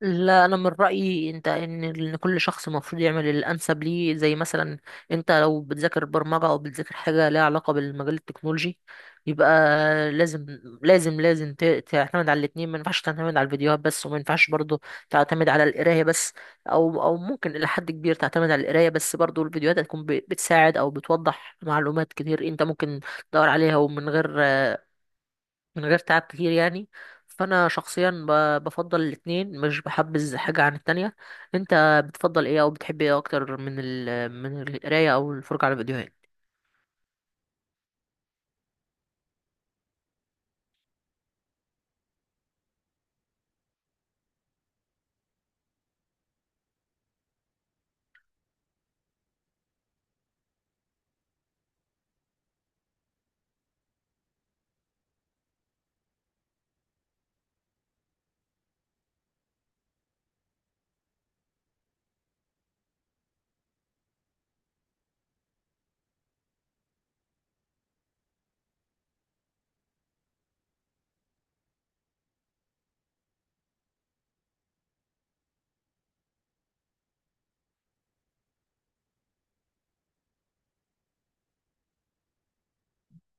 لا، انا من رايي انت إن كل شخص المفروض يعمل الانسب ليه، زي مثلا انت لو بتذاكر برمجه او بتذاكر حاجه ليها علاقه بالمجال التكنولوجي، يبقى لازم لازم تعتمد على الاتنين، ما ينفعش تعتمد على الفيديوهات بس، وما ينفعش برضه تعتمد على القرايه بس. او ممكن الى حد كبير تعتمد على القرايه بس، برضه الفيديوهات هتكون بتساعد او بتوضح معلومات كتير انت ممكن تدور عليها، ومن غير من غير تعب كتير يعني. فانا شخصيا بفضل الاتنين، مش بحبذ حاجة عن التانية. انت بتفضل ايه، او بتحب ايه اكتر، من من القراية او الفرجة على فيديوهات؟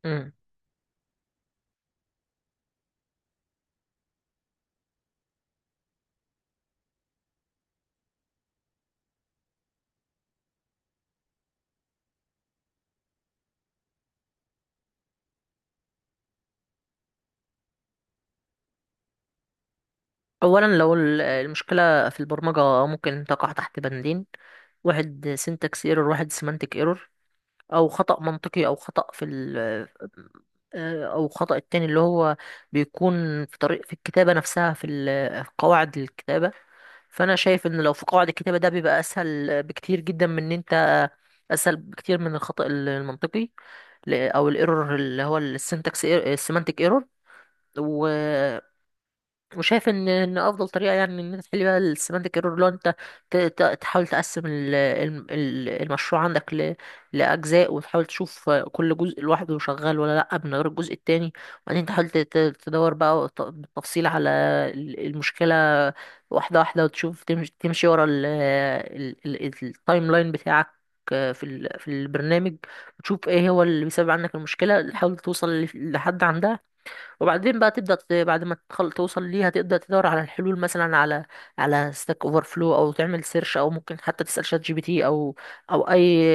مم. اولا، لو المشكلة في البرمجة ممكن تقع تحت بندين، واحد سينتاكس ايرور، واحد سيمانتك ايرور، او خطأ منطقي، او خطأ في ال او خطأ التاني اللي هو بيكون في طريق، في الكتابة نفسها، في قواعد الكتابة. فانا شايف ان لو في قواعد الكتابه، ده بيبقى اسهل بكتير جدا من ان انت اسهل بكتير من الخطا المنطقي، او الايرور اللي هو السنتكس، السيمانتك ايرور. وشايف ان افضل طريقه يعني ان انت تحل بيها السيمانتك ايرور، لو انت تحاول تقسم المشروع عندك لاجزاء، وتحاول تشوف كل جزء لوحده شغال ولا لا، من غير الجزء التاني. وبعدين تحاول تدور بقى بالتفصيل على المشكله، واحده واحده، وتشوف تمشي تمشي ورا التايم لاين بتاعك في البرنامج، وتشوف ايه هو اللي بيسبب عندك المشكله، تحاول توصل لحد عندها. وبعدين بقى تبدأ بعد ما توصل ليها، تبدأ تدور على الحلول مثلا، على ستاك اوفر فلو، او تعمل سيرش، او ممكن حتى تسأل شات GPT، او اي،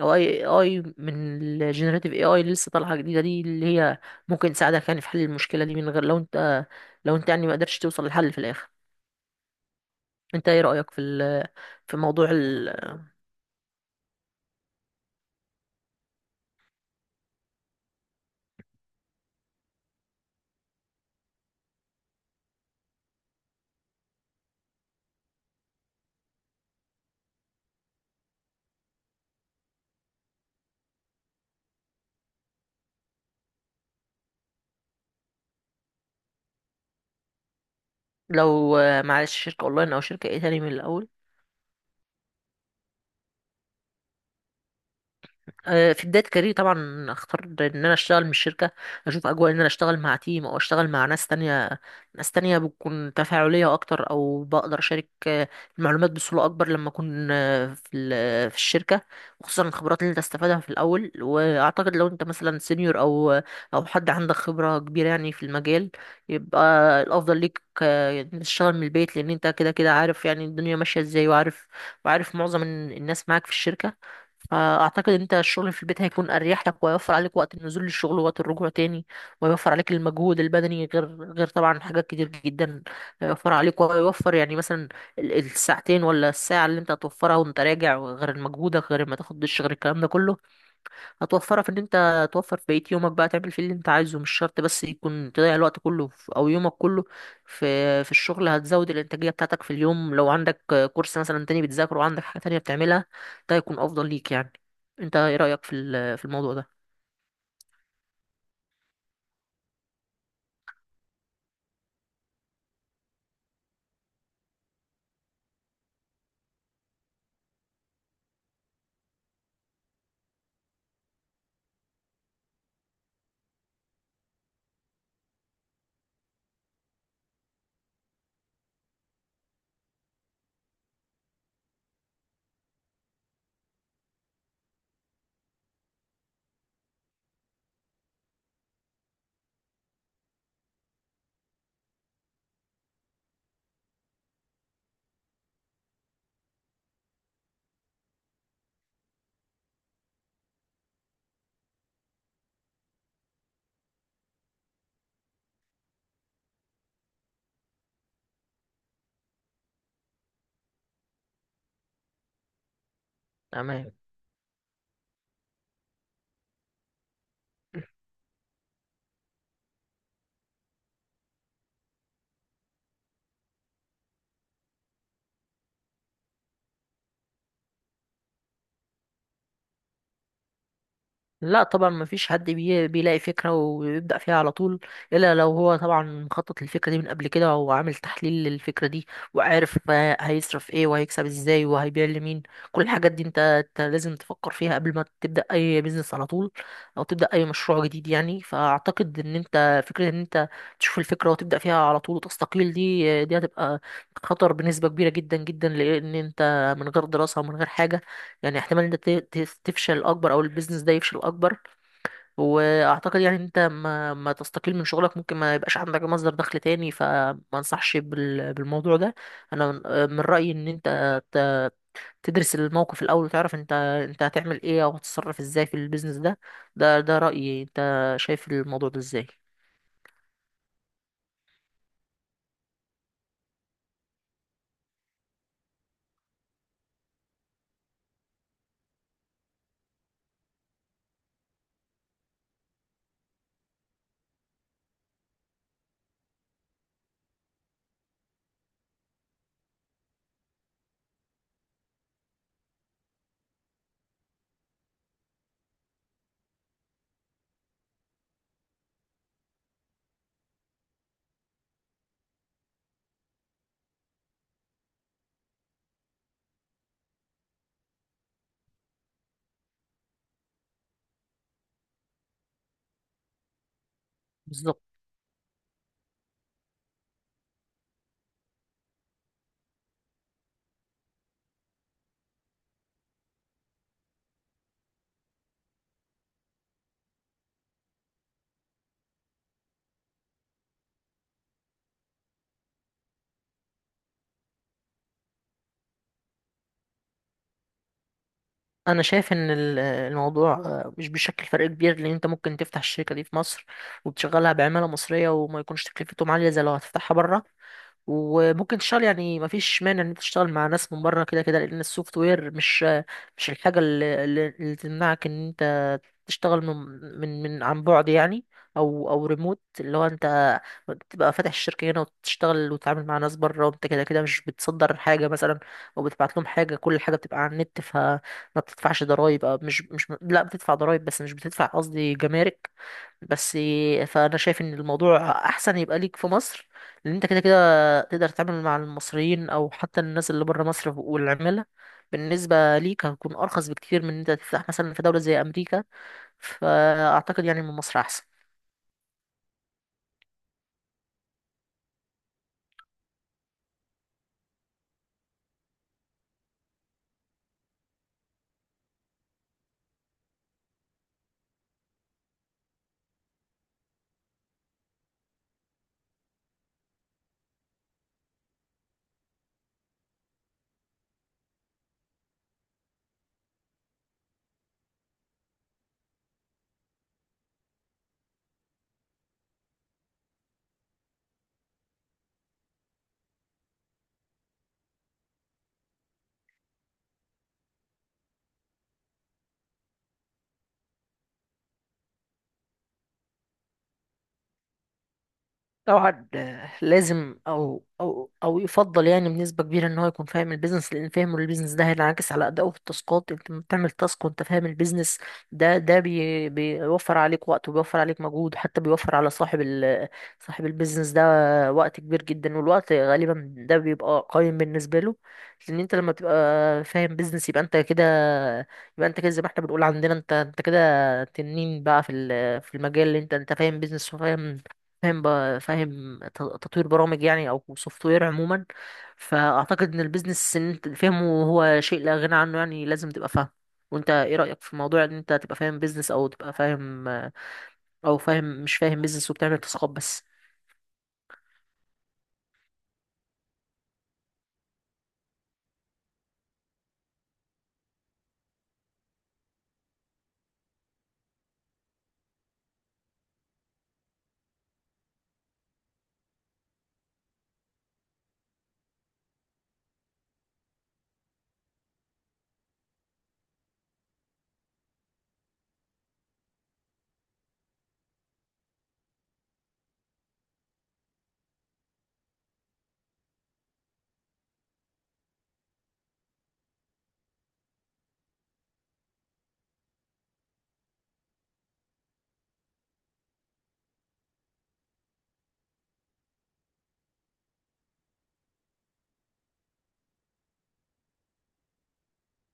او اي اي من الجينيريتيف AI اللي لسه طالعة جديدة دي، اللي هي ممكن تساعدك يعني في حل المشكلة دي، من غير لو انت يعني ما قدرتش توصل للحل في الاخر. انت ايه رأيك في موضوع؟ لو معلش، شركة اونلاين او شركة ايه تاني من الاول؟ في بداية كاريري طبعا اختار ان انا اشتغل من شركة، اشوف اجواء ان انا اشتغل مع تيم، او اشتغل مع ناس تانية، ناس تانية بتكون تفاعلية اكتر، او بقدر اشارك المعلومات بسهولة اكبر لما اكون في الشركة، وخصوصا الخبرات اللي انت تستفادها في الاول. واعتقد لو انت مثلا سينيور او حد عندك خبرة كبيرة يعني في المجال، يبقى الافضل ليك إن تشتغل من البيت، لان انت كده كده عارف يعني الدنيا ماشية ازاي، وعارف معظم الناس معاك في الشركة. فأعتقد ان أنت الشغل في البيت هيكون أريح لك، ويوفر عليك وقت النزول للشغل ووقت الرجوع تاني، ويوفر عليك المجهود البدني، غير طبعا حاجات كتير جدا. هيوفر عليك ويوفر يعني مثلا الساعتين ولا الساعة اللي أنت هتوفرها وأنت راجع، غير مجهودك، غير ما تاخد دش، غير الكلام ده كله، هتوفرها في ان انت توفر في بقية يومك بقى، تعمل فيه اللي انت عايزه، مش شرط بس يكون تضيع الوقت كله، في او يومك كله في الشغل. هتزود الانتاجية بتاعتك في اليوم، لو عندك كورس مثلا تاني بتذاكره، وعندك حاجة تانية بتعملها، ده هيكون افضل ليك يعني. انت ايه رأيك في الموضوع ده؟ تمام. لا طبعا، مفيش حد بيلاقي فكرة ويبدأ فيها على طول، إلا لو هو طبعا مخطط للفكرة دي من قبل كده، وعامل تحليل للفكرة دي، وعارف هيصرف ايه وهيكسب ازاي وهيبيع لمين. كل الحاجات دي انت لازم تفكر فيها قبل ما تبدأ أي بيزنس على طول، أو تبدأ أي مشروع جديد يعني. فأعتقد إن انت، فكرة إن انت تشوف الفكرة وتبدأ فيها على طول وتستقيل، دي هتبقى خطر بنسبة كبيرة جدا جدا، لأن انت من غير دراسة ومن غير حاجة، يعني احتمال انت تفشل اكبر، او البيزنس ده يفشل اكبر. واعتقد يعني انت ما تستقيل من شغلك، ممكن ما يبقاش عندك مصدر دخل تاني، فما انصحش بالموضوع ده. انا من رأيي ان انت تدرس الموقف الاول، وتعرف انت هتعمل ايه، او هتتصرف ازاي في البيزنس ده. ده رأيي، انت شايف الموضوع ده ازاي؟ بالظبط. انا شايف ان الموضوع مش بيشكل فرق كبير، لان انت ممكن تفتح الشركة دي في مصر وتشغلها بعمالة مصرية، وما يكونش تكلفتهم عالية زي لو هتفتحها بره. وممكن تشتغل، يعني مفيش مانع ان انت تشتغل مع ناس من بره كده كده، لان السوفت وير مش الحاجه اللي تمنعك ان انت تشتغل من عن بعد يعني، او ريموت، اللي هو انت تبقى فاتح الشركه هنا، وتشتغل وتتعامل مع ناس بره، وانت كده كده مش بتصدر حاجه مثلا، او بتبعت لهم حاجه، كل حاجه بتبقى على النت. فما بتدفعش ضرائب، أو مش لا، بتدفع ضرائب بس مش بتدفع، قصدي، جمارك بس. فانا شايف ان الموضوع احسن يبقى ليك في مصر، لان انت كده كده تقدر تعمل مع المصريين، او حتى الناس اللي بره مصر. والعمالة بالنسبة ليك هتكون ارخص بكتير من ان انت تفتح مثلا في دولة زي امريكا. فاعتقد يعني من مصر احسن. طبعا لازم، او يفضل يعني بنسبه كبيره ان هو يكون فاهم البيزنس، لان فهمه للبيزنس ده هينعكس على ادائه في التاسكات. انت لما بتعمل تاسك وانت فاهم البيزنس ده، ده بي بيوفر عليك وقت، وبيوفر عليك مجهود، وحتى بيوفر على صاحب البيزنس ده وقت كبير جدا، والوقت غالبا ده بيبقى قيم بالنسبه له. لان انت لما تبقى فاهم بيزنس، يبقى انت كده، يبقى انت كده زي ما احنا بنقول عندنا، انت كده تنين بقى في المجال، اللي انت فاهم بيزنس، وفاهم بقى، فاهم تطوير برامج يعني، او سوفت وير عموما. فاعتقد ان البيزنس ان انت فهمه هو شيء لا غنى عنه يعني، لازم تبقى فاهم. وانت ايه رأيك في موضوع ان انت تبقى فاهم بيزنس، او تبقى فاهم، او فاهم مش فاهم بيزنس وبتعمل تسويقات بس؟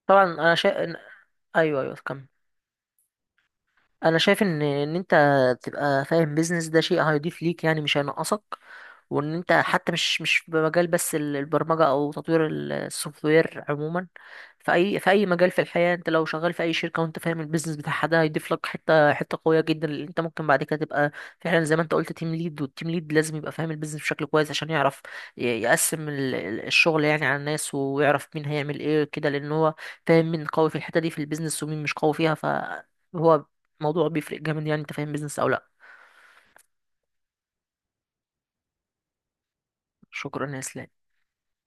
طبعا، انا شايف. ايوه، ايوه، كمل. انا شايف ان انت تبقى فاهم بيزنس، ده شيء هيضيف ليك يعني، مش هينقصك. وان انت حتى مش في مجال بس البرمجه، او تطوير السوفت وير عموما، في اي مجال في الحياه، انت لو شغال في اي شركه وانت فاهم البيزنس بتاعها، ده هيضيف لك حته قويه جدا، اللي انت ممكن بعد كده تبقى فعلا زي ما انت قلت تيم ليد. والتيم ليد لازم يبقى فاهم البيزنس بشكل كويس، عشان يعرف يقسم الشغل، يعني على الناس، ويعرف مين هيعمل ايه كده، لان هو فاهم مين قوي في الحته دي في البيزنس، ومين مش قوي فيها، فهو موضوع بيفرق جامد يعني، انت فاهم بيزنس او لا. شكرا يا اسلام.